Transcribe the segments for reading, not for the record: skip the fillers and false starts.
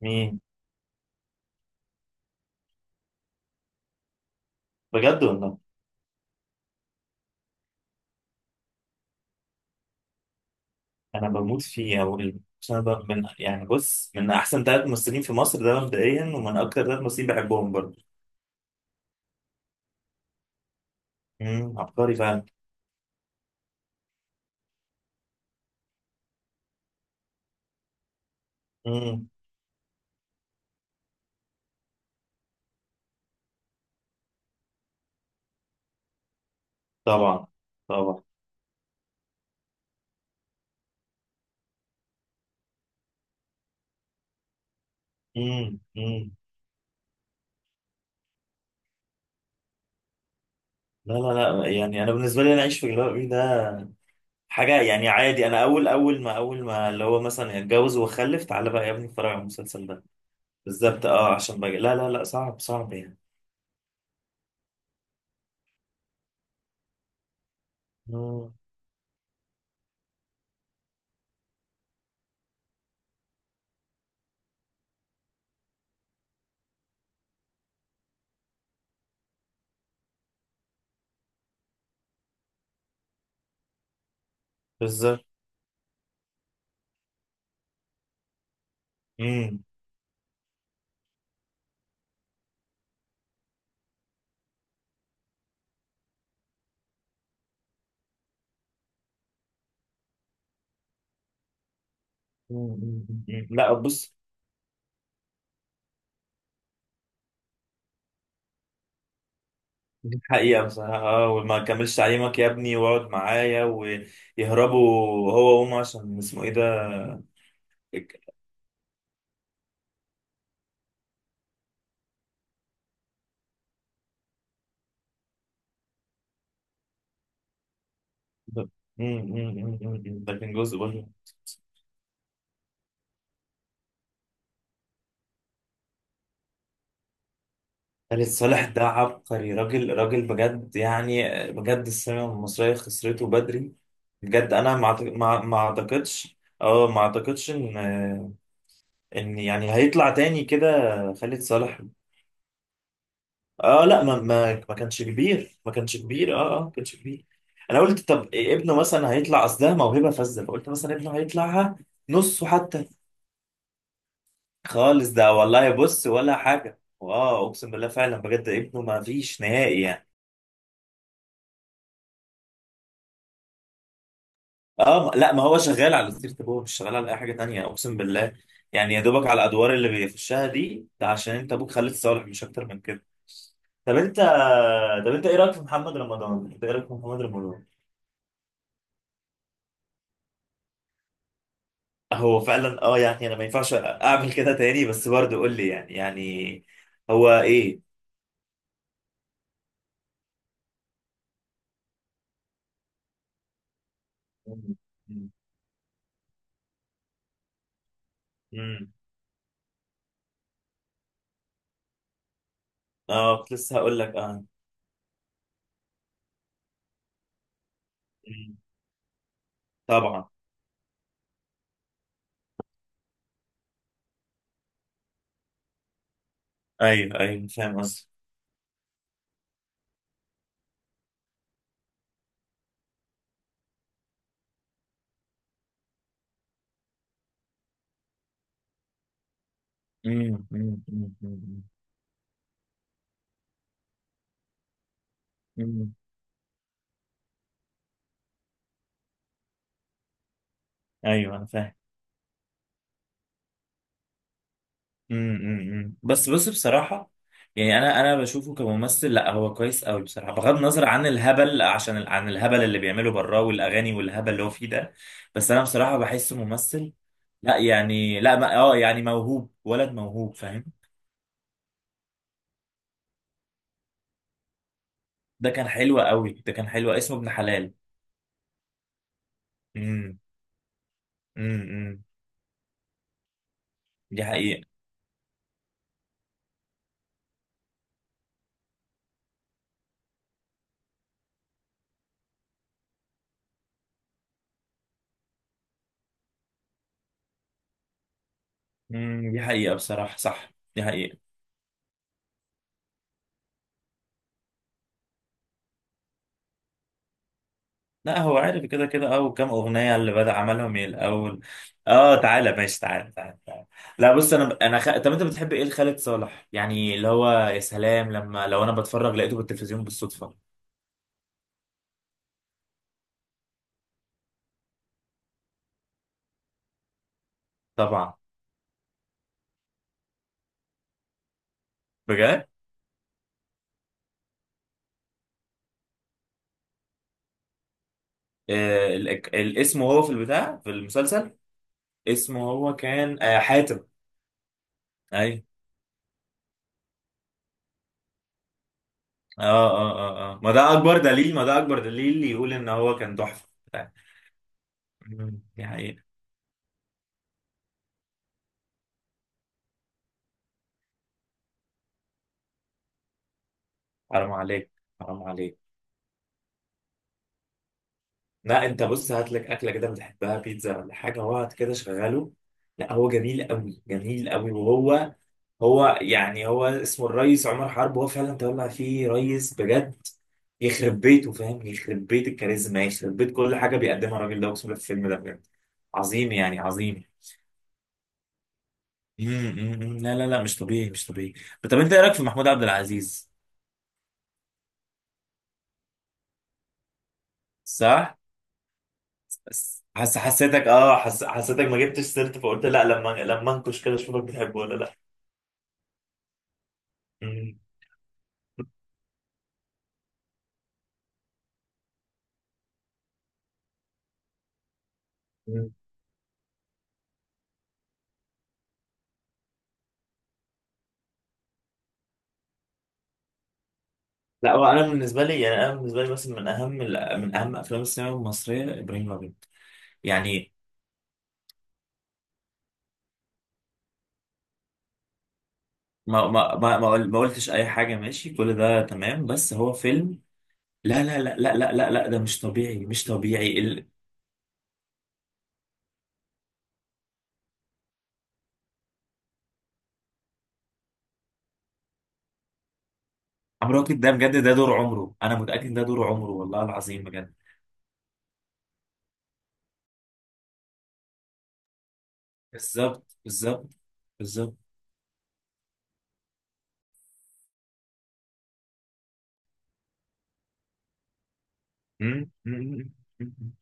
مين؟ بجد والله. انا بموت فيه. اول انا من بص، من احسن ثلاث ممثلين في مصر ده مبدئيا، ومن اكتر ثلاث ممثلين بحبهم برضه. عبقري فعلا. امم طبعا، طبعا. امم امم لا لا لا، يعني انا بالنسبه لي انا اعيش في جلباب ابي ده حاجه، يعني عادي. انا اول ما اللي هو مثلا اتجوز وخلف، تعالى بقى يا ابني اتفرج على المسلسل ده. بالظبط اه، عشان بقى لا لا لا، صعب صعب امم بالظبط. امم أمم. لا بص، دي حقيقة بصراحة اه، وما كملش تعليمك يا ابني واقعد معايا، ويهربوا هو وأمه عشان اسمه ايه ده. مم. ده كان جزء برضه. خالد صالح ده عبقري، راجل راجل بجد، يعني بجد السينما المصرية خسرته بدري. بجد أنا ما أعتقدش، اه ما أعتقدش إن يعني هيطلع تاني كده خالد صالح. اه لا، ما كانش كبير، ما كانش كبير، ما كانش كبير. انا قلت طب إيه ابنه مثلا هيطلع، اصل ده موهبه فذه، فقلت مثلا ابنه هيطلعها نصه حتى. خالص ده والله، بص ولا حاجه، واه اقسم بالله، فعلا بجد ابنه ما فيش نهائي يعني. اه ما- لا ما هو شغال على سيره ابوه، مش شغال على اي حاجه تانية اقسم بالله. يعني يا دوبك على الادوار اللي بيخشها دي، ده عشان انت ابوك خالد صالح، مش اكتر من كده. طب انت طب انت ايه رايك في محمد رمضان؟ انت ايه رايك في محمد رمضان؟ هو فعلا اه، يعني انا ما ينفعش اعمل كده تاني، بس برضه قول لي يعني هو ايه. مم. مم. مم. اه كنت لسه هقول لك اه. مم. طبعا. ايوه ايوه، فاهم قصدي. مم. مم. مم. مم. مم. ايوه انا فاهم. امم. بس بص بصراحة، يعني انا بشوفه كممثل، لا هو كويس قوي بصراحة، بغض النظر عن الهبل عشان عن الهبل اللي بيعمله براه، والاغاني والهبل اللي هو فيه ده. بس انا بصراحة بحسه ممثل. لا يعني لا، ما اه يعني موهوب، ولد موهوب فاهم. ده كان حلو قوي، ده كان حلو، اسمه ابن حلال. امم امم. دي حقيقة. دي حقيقة بصراحة، صح دي حقيقة. لا هو عارف كده كده اه، وكام اغنيه اللي بدأ عملهم من الاول. اه تعالى ماشي، تعالى تعالى تعالى. لا بص، طب انت بتحب ايه لخالد صالح؟ يعني اللي هو يا سلام لما لو انا بتفرج لقيته بالتلفزيون بالصدفه. طبعا. بجد. آه ال... اسمه هو في البتاع في المسلسل، اسمه هو كان آه حاتم. اي، اه اه اه. ما ده اكبر دليل، ما ده اكبر دليل يقول ان هو كان تحفه. مم، دي حقيقه. حرام عليك، حرام عليك. لا انت بص، هات لك اكله كده بتحبها بيتزا ولا حاجه، واقعد كده شغله. لا هو جميل قوي، جميل قوي. وهو هو يعني هو اسمه الريس عمر حرب، هو فعلا طلع فيه ريس بجد. يخرب بيته فاهم، يخرب بيت الكاريزما، يخرب بيت كل حاجه بيقدمها الراجل ده، اقسم بالله في الفيلم ده بجد عظيم، يعني عظيم. مم. لا لا لا، مش طبيعي، مش طبيعي. طب انت ايه رايك في محمود عبد العزيز؟ صح، بس حسيتك اه، حسيتك ما جبتش سيرته، فقلت لا لما لما انكش كده اشوفك بتحبه ولا لا. مم. لا هو انا بالنسبه لي يعني، انا بالنسبه لي بس من اهم، من اهم افلام السينما المصريه ابراهيم الابيض. يعني ما قلتش اي حاجه، ماشي كل ده تمام، بس هو فيلم. لا، ده مش طبيعي، مش طبيعي عمرو واكد ده بجد، ده دور عمره، انا متاكد ده دور عمره والله العظيم بجد. بالظبط، بالظبط. بالظبط. مم. مم. مم.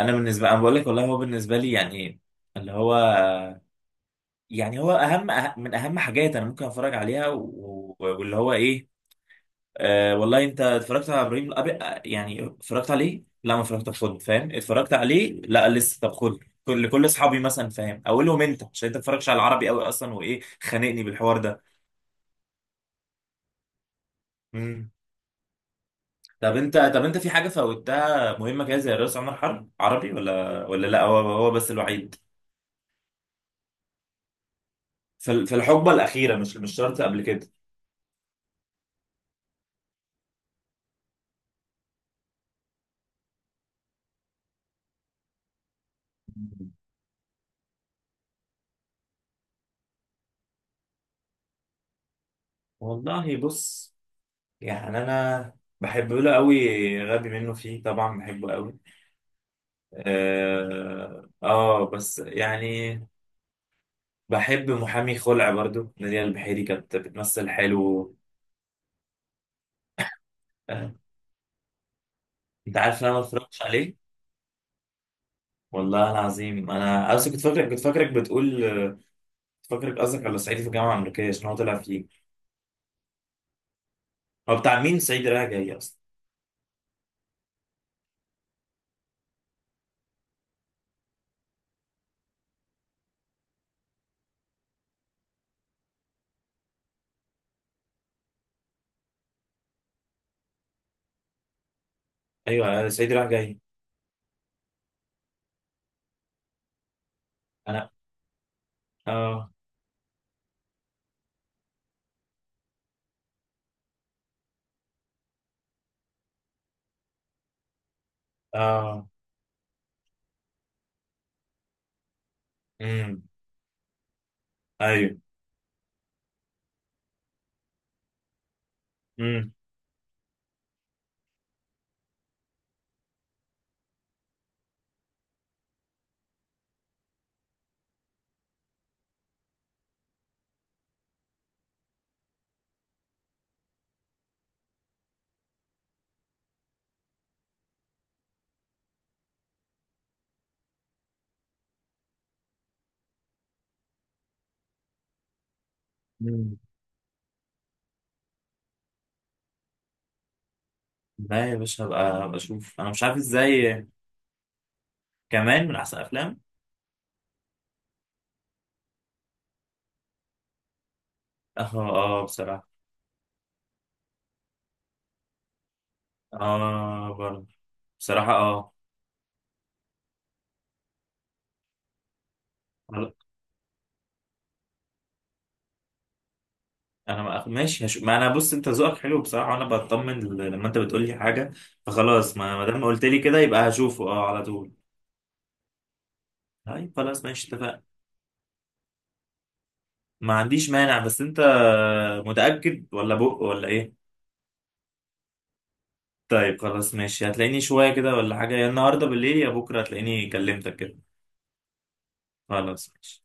انا بالنسبه، انا بقول لك والله هو بالنسبه لي يعني، اللي هو يعني هو اهم، من اهم حاجات انا ممكن اتفرج عليها، واللي هو ايه. آه والله، انت اتفرجت على ابراهيم الابيض؟ آه، يعني اتفرجت عليه؟ لا ما اتفرجت، طب خد فاهم، اتفرجت عليه؟ لا لسه، طب خد. كل كل اصحابي مثلا فاهم، اقول لهم انت عشان انت ما بتتفرجش على العربي قوي اصلا، وايه خانقني بالحوار ده. امم. طب انت، طب انت في حاجه فوتها مهمه كده زي الرئيس عمر حرب عربي، ولا ولا لا هو هو بس الوحيد؟ في في الحقبه الاخيره، مش مش شرط قبل كده. مم. والله بص، يعني بحب له قوي، غبي منه فيه طبعا، بحبه قوي. اه آه، بس يعني بحب محامي خلع برضو، نادية البحيري كانت بتمثل حلو. آه. انت عارف ان انا ما اتفرجتش عليه. والله العظيم انا اصلا كنت فاكرك بتقول، كنت فاكرك قصدك على صعيدي في الجامعه الامريكيه عشان هو طلع فيه. هو بتاع مين صعيدي رايح جاي اصلا؟ ايوه آه، صعيدي رايح جاي. انا. اه اه. امم. ايوه. امم امم. لا يا باشا، هبقى هبقى اشوف، انا مش عارف ازاي. كمان من احسن افلام. اه اه بصراحه. اه برضه، بصراحه اه. انا ما ماشي هش... ما انا بص، انت ذوقك حلو بصراحه، وانا بطمن لما انت بتقول لي حاجه، فخلاص ما ما دام قلت لي كده يبقى هشوفه اه على طول. طيب خلاص ماشي، اتفقنا. ما عنديش مانع، بس انت متاكد ولا بق ولا ايه؟ طيب خلاص ماشي، هتلاقيني شويه كده ولا حاجه، يا النهارده بالليل يا بكره هتلاقيني كلمتك كده. خلاص ماشي.